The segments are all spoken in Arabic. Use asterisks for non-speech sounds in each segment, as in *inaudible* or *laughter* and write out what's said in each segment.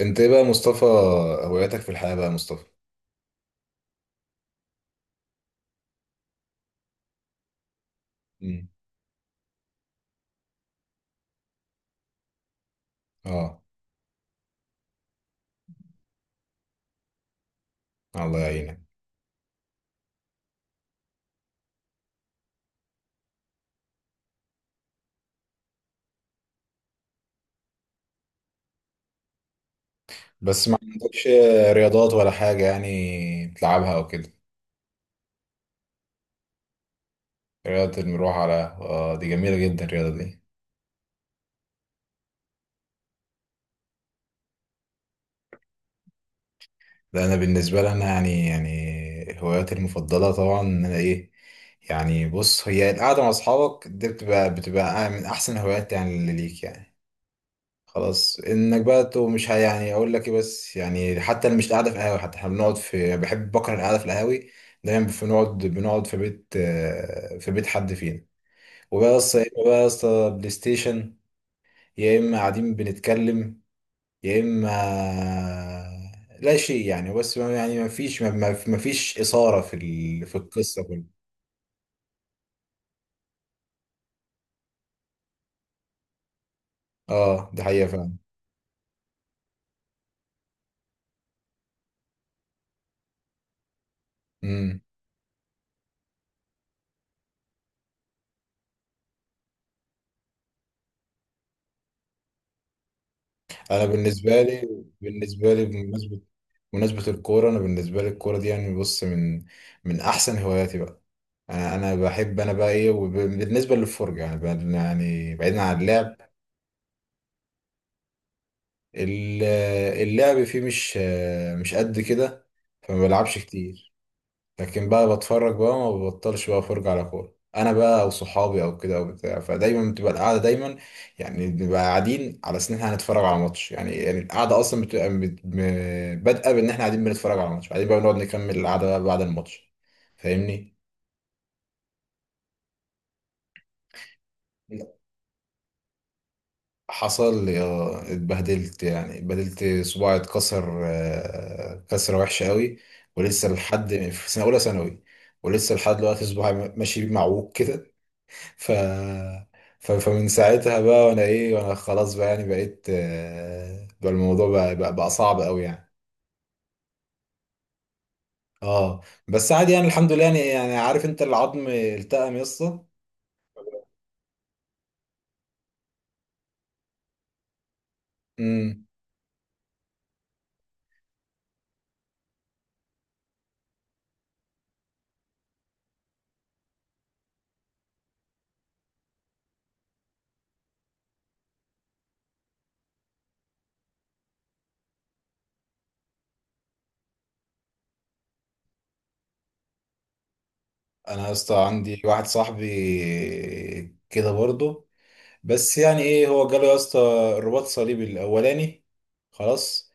انت ايه بقى يا مصطفى؟ هواياتك في الحياة بقى يا مصطفى؟ مم. اه. الله يعينك. بس ما عندكش رياضات ولا حاجة يعني تلعبها او كده؟ رياضة المروح على، اه دي جميلة جدا الرياضة دي. لا انا بالنسبة لي انا يعني هواياتي المفضلة طبعا ان انا ايه، يعني بص هي القعدة مع اصحابك دي بتبقى من احسن هوايات يعني اللي ليك يعني. خلاص انك بقى تو مش يعني اقول لك ايه، بس يعني حتى اللي مش قاعده في قهاوي، حتى احنا بنقعد في، يعني بحب بكره القعده في القهاوي، دايما بنقعد في بيت، في بيت حد فينا. وبقى يا اسطى، يا اما بقى يا اسطى بلاي ستيشن، يا اما قاعدين بنتكلم، يا اما *laughs* لا شيء يعني. بس يعني ما فيش ما فيش اثاره في في القصه كلها. اه دي حقيقه فعلا. امم، انا بالنسبه لي، بالنسبه لي بمناسبه بمناسبة الكورة أنا بالنسبة لي الكورة دي يعني بص، من من أحسن هواياتي بقى. أنا بحب، أنا بقى إيه، وبالنسبة للفرجة يعني يعني بعيدا عن اللعب. ال- اللعب فيه مش، مش قد كده، فما بلعبش كتير. لكن بقى بتفرج بقى، ما ببطلش بقى افرج على كورة انا بقى او صحابي او كده او بتاع، فدايما بتبقى القعده دايما يعني بنبقى قاعدين على اساس ان احنا هنتفرج على ماتش. يعني القعده اصلا بتبقى بادئه بان احنا قاعدين بنتفرج على ماتش، بعدين بقى بنقعد نكمل القعده بقى بعد الماتش. فاهمني؟ حصل يا، اتبهدلت، يعني اتبهدلت صباعي، اتكسر كسره وحشه قوي. ولسه لحد في سنه اولى ثانوي، ولسه لحد دلوقتي صباعي ماشي معوج كده. ف... فمن ساعتها بقى وانا ايه، وانا خلاص بقى، يعني بقيت بقى الموضوع بقى صعب قوي يعني. اه بس عادي يعني، الحمد لله، يعني يعني عارف انت العظم التئم يا اسطى. امم. انا يا اسطى عندي واحد صاحبي كده برضه، بس يعني ايه، هو جاله يا اسطى الرباط صليبي الاولاني، خلاص.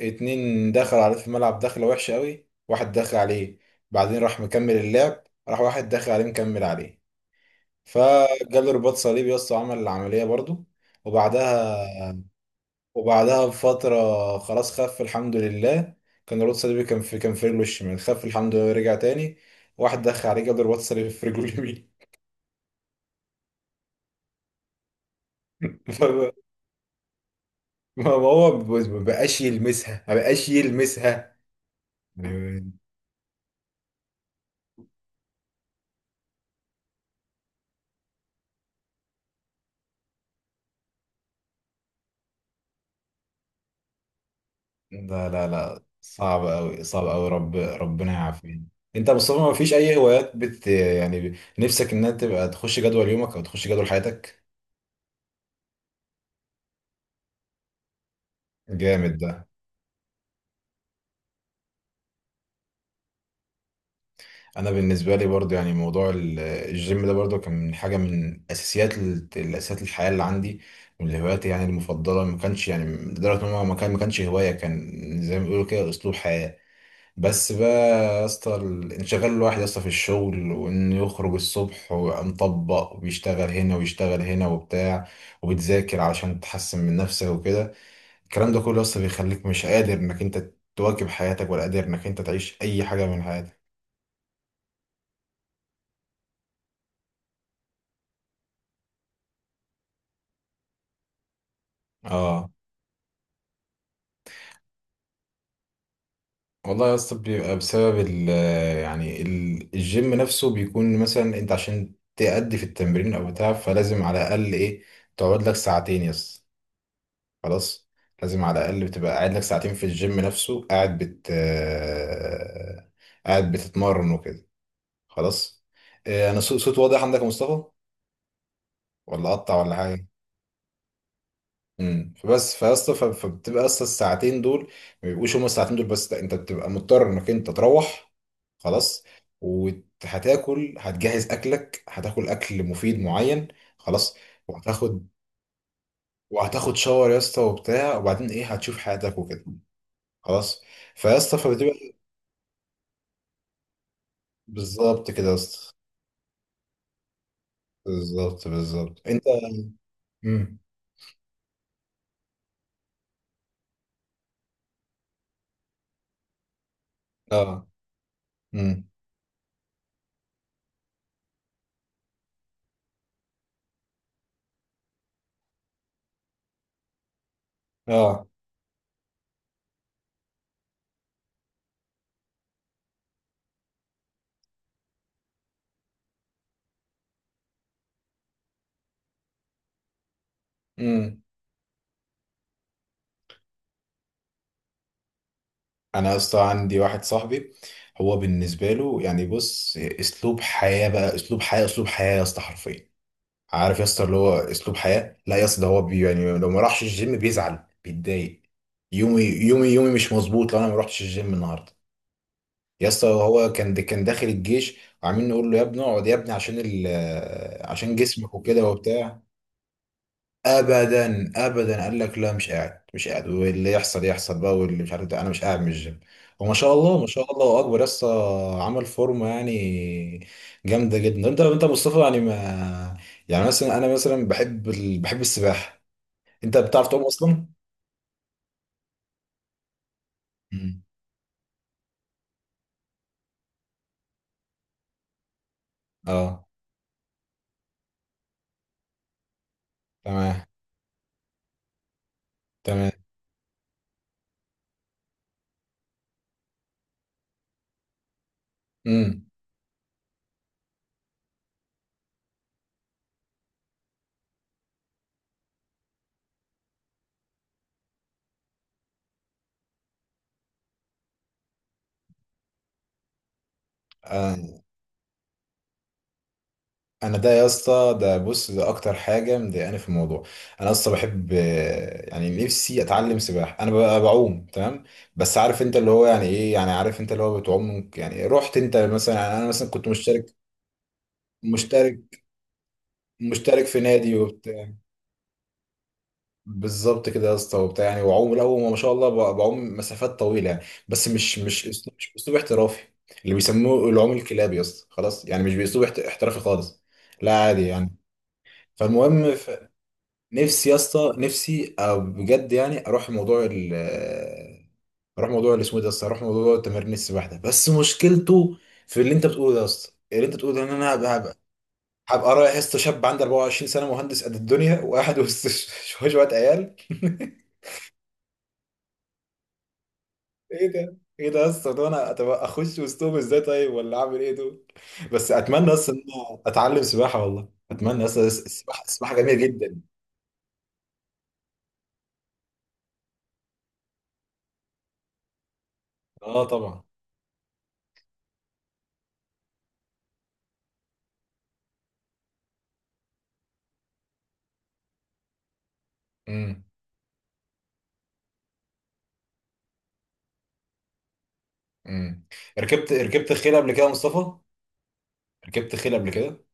اتنين دخل عليه في الملعب، دخله وحشه قوي، واحد دخل عليه، بعدين راح مكمل اللعب، راح واحد دخل عليه مكمل عليه، فجاله رباط صليبي يا اسطى، وعمل العملية برضو. وبعدها، وبعدها بفترة خلاص خف الحمد لله. كان رباط صليبي، كان في، كان في رجله الشمال، خف الحمد لله، رجع تاني واحد دخل عليه جاب له رباط صليبي في رجله اليمين. *laughs* فما- ما هو ما بقاش يلمسها، ما بقاش يلمسها، لا. لا صعب قوي، صعب قوي، ربنا يعافينا. انت يا مصطفى ما فيش اي هوايات بت، يعني نفسك انها تبقى تخش جدول يومك او تخش جدول حياتك؟ جامد ده. انا بالنسبه لي برضو يعني موضوع الجيم ده برضو كان من حاجه، من اساسيات الاساسيات الحياه اللي عندي، من هواياتي يعني المفضله. ما كانش يعني لدرجه ان هو ما كان، ما كانش هوايه، كان زي ما بيقولوا كده اسلوب حياه. بس بقى يا اسطى انشغال الواحد يا اسطى في الشغل، وانه يخرج الصبح ويبقى مطبق وبيشتغل هنا ويشتغل هنا وبتاع، وبتذاكر علشان تحسن من نفسك وكده، الكلام ده كله يا اسطى بيخليك مش قادر انك انت تواكب حياتك، ولا قادر انك انت تعيش اي حاجه من حياتك. اه. والله يا اسطى بيبقى بسبب ال، يعني الجيم نفسه بيكون مثلا انت عشان تأدي في التمرين او بتاع، فلازم على الاقل ايه، تقعد لك ساعتين يا اسطى، خلاص. لازم على الاقل بتبقى قاعد لك ساعتين في الجيم نفسه، قاعد بت قاعد بتتمرن وكده، خلاص. انا صوت واضح عندك يا مصطفى؟ ولا اقطع ولا حاجه؟ امم. فبس فيا اسطى فبتبقى اصلا الساعتين دول، ما بيبقوش هما الساعتين دول بس، لا انت بتبقى مضطر انك انت تروح، خلاص. وهتاكل، هتجهز اكلك، هتاكل اكل مفيد معين، خلاص. وهتاخد وهتاخد شاور يا اسطى وبتاع، وبعدين ايه، هتشوف حياتك وكده، خلاص. فيا اسطى فبتبقى، بالظبط كده يا اسطى، بالظبط انت. امم اه امم اه امم. انا يا اسطى عندي واحد صاحبي، هو بالنسبه له يعني بص اسلوب حياه بقى، اسلوب حياه، اسلوب حياه يا اسطى حرفيا. عارف يا اسطى اللي هو اسلوب حياه، لا يا اسطى ده هو بي، يعني لو ما راحش الجيم بيزعل بيتضايق، يومي يومي يومي مش مظبوط لو انا ما رحتش الجيم النهارده. يا اسطى هو كان داخل الجيش، وعاملين نقول له يا ابني اقعد يا ابني عشان ال، عشان جسمك وكده وبتاع، ابدا ابدا. قال لك لا، مش قاعد، مش قاعد، واللي يحصل يحصل بقى، واللي مش عارف ده انا مش قاعد من الجيم. وما شاء الله، ما شاء الله اكبر، لسه عمل فورمه يعني، جامده جدا. انت انت يا مصطفى يعني ما، يعني مثلا انا مثلا بحب بحب السباحه. انت بتعرف تعوم اصلا؟ امم. اه تمام. تمام. امم. انا ده يا اسطى، ده بص ده اكتر حاجه مضايقاني في الموضوع. انا اصلا بحب، يعني نفسي اتعلم سباحه. انا ببقى بعوم تمام، بس عارف انت اللي هو يعني ايه، يعني عارف انت اللي هو بتعوم يعني رحت انت مثلا، يعني انا مثلا كنت مشترك، مشترك مشترك في نادي وبتاع. بالظبط كده يا اسطى وبتاع، يعني وعوم الاول ما شاء الله بعوم مسافات طويله يعني، بس مش، مش اسلوب، مش اسلوب احترافي. اللي بيسموه العوم الكلابي يا اسطى، خلاص يعني، مش باسلوب احترافي خالص، لا عادي يعني. فالمهم، نفسي يا اسطى، نفسي أو بجد يعني، اروح موضوع ال، اروح موضوع اللي اسمه إيه ده يا اسطى، اروح موضوع تمارين السباحه ده. بس مشكلته في اللي انت بتقوله ده يا اسطى، اللي انت بتقوله ده ان انا هبقى، هبقى، هبقى رايح يا اسطى شاب عندي 24 سنه، مهندس قد الدنيا، وقاعد وسط شويه شويه عيال. *laughs* ايه ده، ايه ده يا اسطى، ده انا طب اخش وسطهم ازاي طيب؟ ولا اعمل ايه دول؟ بس اتمنى اصلا ان انا اتعلم سباحه، والله اتمنى اصلا، السباحه السباحه جميله جدا. اه طبعا. مم. امم. ركبت، ركبت خيل قبل كده يا مصطفى؟ ركبت خيل قبل كده؟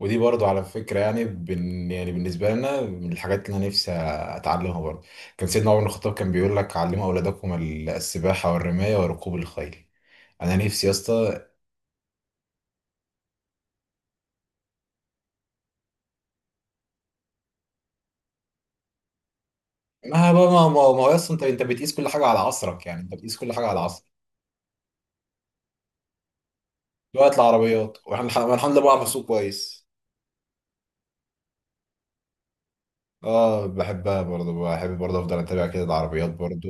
ودي برضو على فكرة يعني بن، يعني بالنسبة لنا من الحاجات اللي أنا نفسي أتعلمها برضو. كان سيدنا عمر بن الخطاب كان بيقول لك علموا أولادكم السباحة والرماية وركوب الخيل. أنا نفسي يا اسطى. ما بقى ما ما ما هو يا اسطى، أنت بتقيس كل حاجة على عصرك، يعني أنت بتقيس كل حاجة على عصرك دلوقتي العربيات، وإحنا أنا الحمد لله بعرف أسوق كويس. أه بحبها برضو، بحب برضو أفضل أتابع كده العربيات برضو.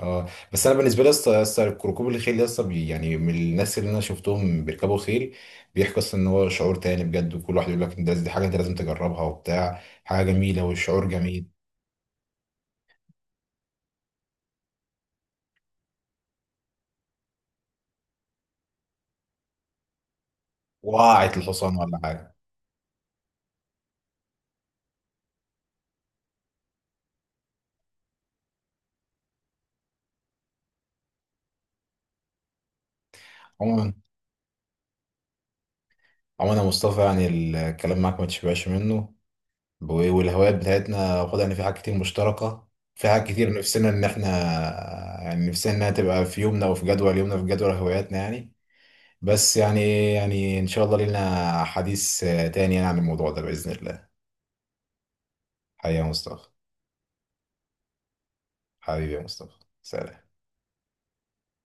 اه. بس انا بالنسبه لي يا اسطى، يا اسطى ركوب الخيل يا اسطى يعني من الناس اللي انا شفتهم بيركبوا خيل، بيحكوا اصلا ان هو شعور تاني بجد، وكل واحد يقول لك ده، دي حاجه انت لازم تجربها وبتاع، حاجه جميله والشعور جميل. وقعت الحصان ولا حاجه؟ عموما، عموما يا مصطفى يعني الكلام معاك ما تشبعش منه، و- والهوايات بتاعتنا واخد، يعني في حاجات كتير مشتركه، في حاجات كتير نفسنا ان احنا يعني، نفسنا انها تبقى في يومنا وفي جدول يومنا، في جدول هواياتنا يعني. بس يعني، يعني ان شاء الله لينا حديث تاني يعني عن الموضوع ده باذن الله. حبيبي يا مصطفى، حبيبي يا مصطفى، سلام.